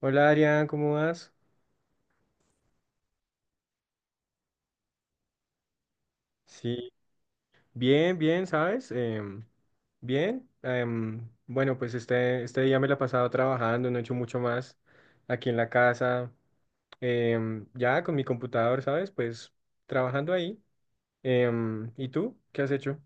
Hola Adrián, ¿cómo vas? Sí, bien, bien, ¿sabes? Bien. Bueno, pues este día me la he pasado trabajando, no he hecho mucho más aquí en la casa, ya con mi computador, ¿sabes? Pues trabajando ahí. ¿Y tú? ¿Qué has hecho?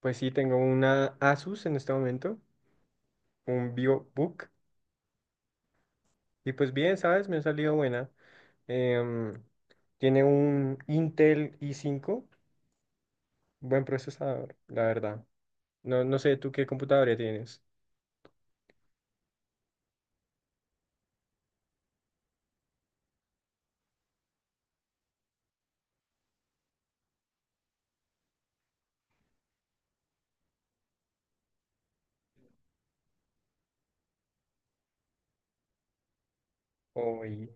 Pues sí, tengo una Asus en este momento, un VivoBook, y pues bien, ¿sabes? Me ha salido buena. Em, Tiene un Intel i5, buen procesador, la verdad. No sé, ¿tú qué computadora tienes? Uy.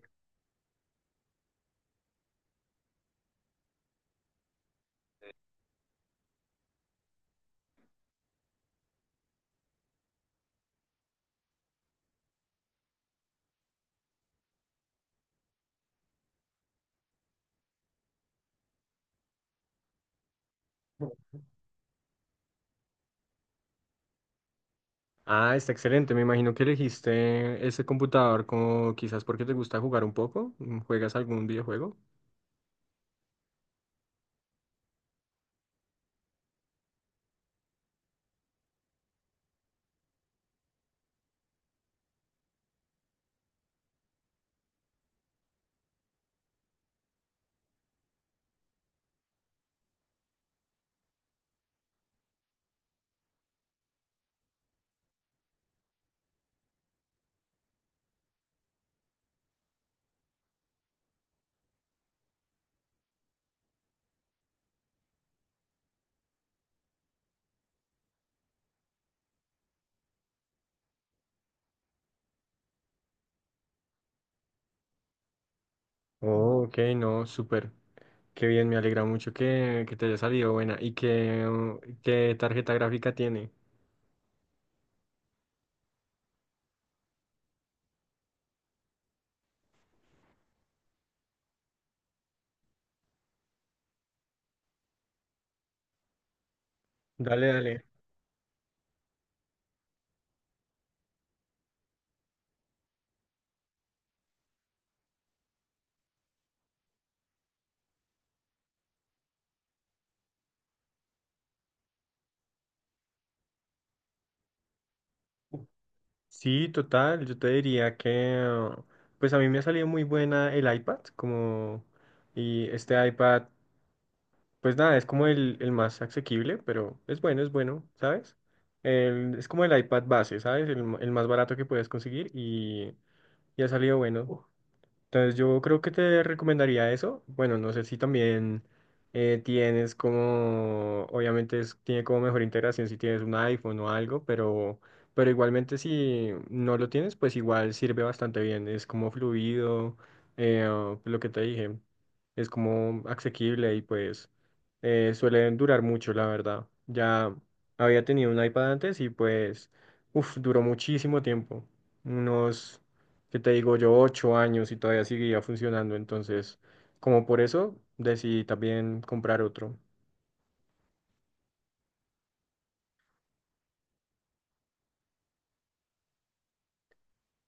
Ah, está excelente. Me imagino que elegiste ese computador como quizás porque te gusta jugar un poco. ¿Juegas algún videojuego? Oh, ok, no, súper. Qué bien, me alegra mucho que te haya salido buena. ¿Y qué, qué tarjeta gráfica tiene? Dale, dale. Sí, total, yo te diría que, uh, pues a mí me ha salido muy buena el iPad, como, y este iPad, pues nada, es como el más asequible, pero es bueno, ¿sabes? El- es como el iPad base, ¿sabes? El, m- el más barato que puedes conseguir y ha salido bueno. Entonces yo creo que te recomendaría eso. Bueno, no sé si también tienes como, obviamente es- tiene como mejor integración si tienes un iPhone o algo, pero igualmente si no lo tienes, pues igual sirve bastante bien. Es como fluido, eh, lo que te dije, es como asequible y pues suelen durar mucho, la verdad. Ya había tenido un iPad antes y pues, uff, duró muchísimo tiempo. Unos que te digo yo, ocho años y todavía seguía funcionando. Entonces, como por eso, decidí también comprar otro.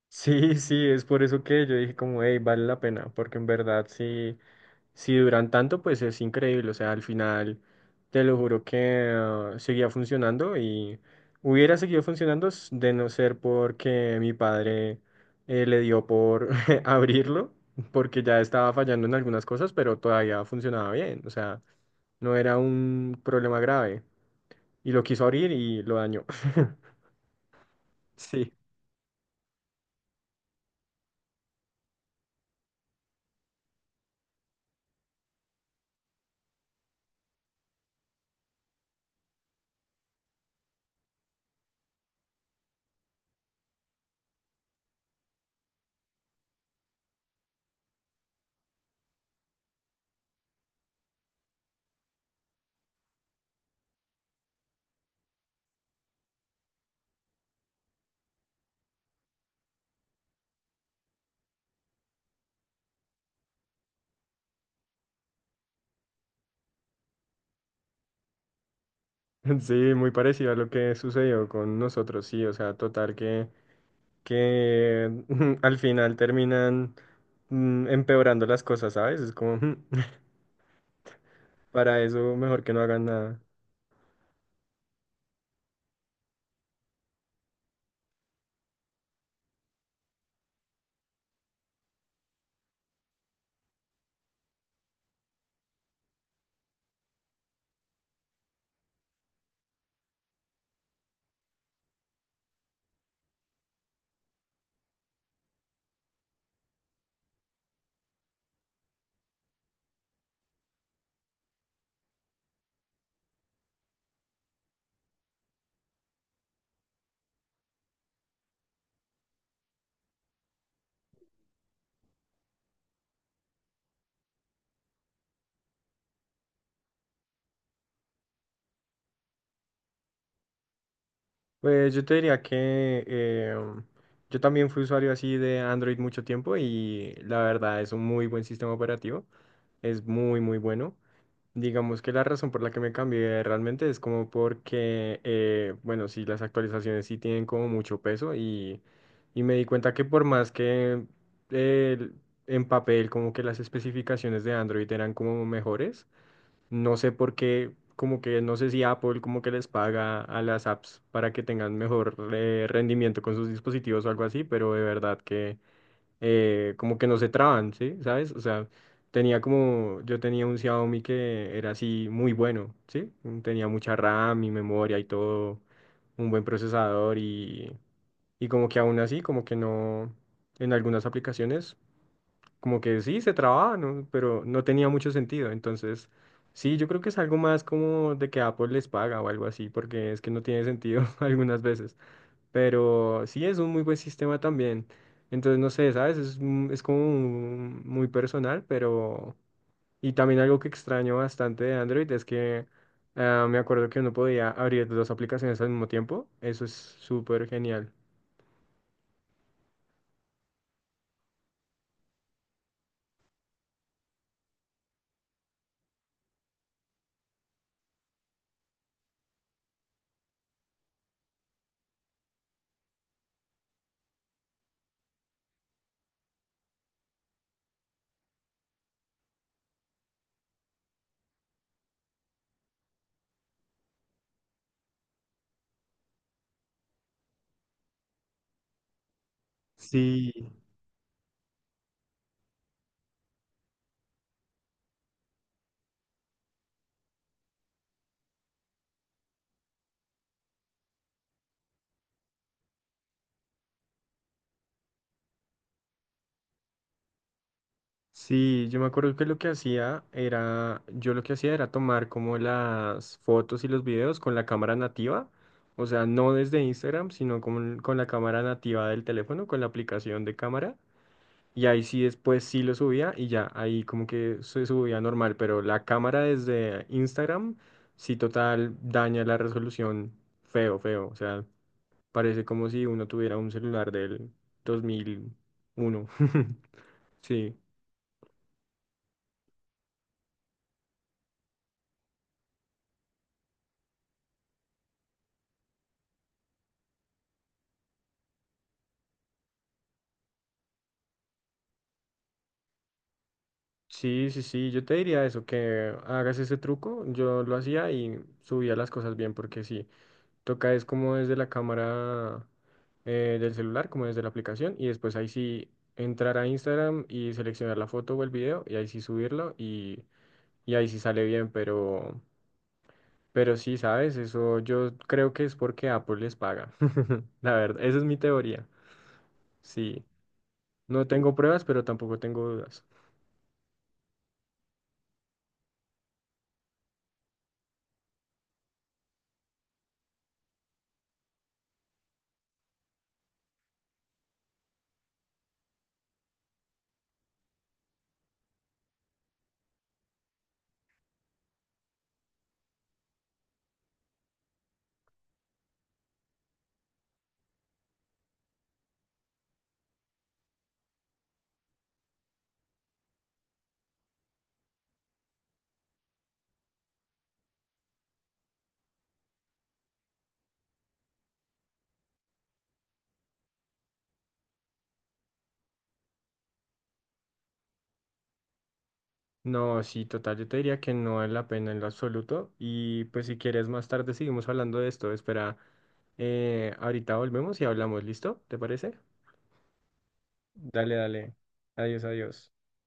Sí, sí, es por eso que yo dije como, hey, vale la pena, porque en verdad sí, si duran tanto, pues es increíble, o sea, al final, te lo juro que seguía funcionando y hubiera seguido funcionando s- de no ser porque mi padre le dio por abrirlo, porque ya estaba fallando en algunas cosas, pero todavía funcionaba bien, o sea, no era un problema grave y lo quiso abrir y lo dañó. Sí. Sí, muy parecido a lo que sucedió con nosotros, sí, o sea, total que al final terminan empeorando las cosas, ¿sabes? Es como, para eso mejor que no hagan nada. Pues yo te diría que yo también fui usuario así de Android mucho tiempo y la verdad es un muy buen sistema operativo, es muy, muy bueno. Digamos que la razón por la que me cambié realmente es como porque, bueno, sí, las actualizaciones sí tienen como mucho peso y me di cuenta que por más que eh, en papel como que las especificaciones de Android eran como mejores, no sé por qué, como que no sé si Apple como que les paga a las apps para que tengan mejor rendimiento con sus dispositivos o algo así, pero de verdad que como que no se traban, ¿sí? ¿Sabes? O sea, tenía como, yo tenía un Xiaomi que era así muy bueno, ¿sí? Mm, tenía mucha RAM y memoria y todo, un buen procesador y como que aún así, como que no, en algunas aplicaciones, como que sí, se trababa, ¿no? Pero no tenía mucho sentido, entonces... Sí, yo creo que es algo más como de que Apple les paga o algo así, porque es que no tiene sentido algunas veces. Pero sí es un muy buen sistema también. Entonces, no sé, ¿sabes? Es, un- es como un- muy personal, pero... Y también algo que extraño bastante de Android es que me acuerdo que uno podía abrir dos aplicaciones al mismo tiempo. Eso es súper genial. Sí, sí, yo me acuerdo que lo que hacía era, yo lo que hacía era tomar como las fotos y los videos con la cámara nativa, o sea, no desde Instagram, sino con la cámara nativa del teléfono, con la aplicación de cámara. Y ahí sí después sí lo subía y ya, ahí como que se subía normal, pero la cámara desde Instagram sí total daña la resolución feo, feo. O sea, parece como si uno tuviera un celular del 2001. Sí, sí, sí, sí, yo te diría eso, que hagas ese truco. Yo lo hacía y subía las cosas bien porque sí, toca es como desde la cámara. Del celular, como desde la aplicación, y después ahí sí entrar a Instagram y seleccionar la foto o el video, y ahí sí subirlo, y ahí sí sale bien, pero sí, ¿sabes? Eso yo creo que es porque Apple les paga. La verdad, esa es mi teoría. Sí, no tengo pruebas, pero tampoco tengo dudas. No, sí, total, yo te diría que no es la pena en lo absoluto. Y pues si quieres más tarde seguimos hablando de esto. Espera, ahorita volvemos y hablamos, ¿listo? ¿Te parece? Dale, dale. Adiós, adiós.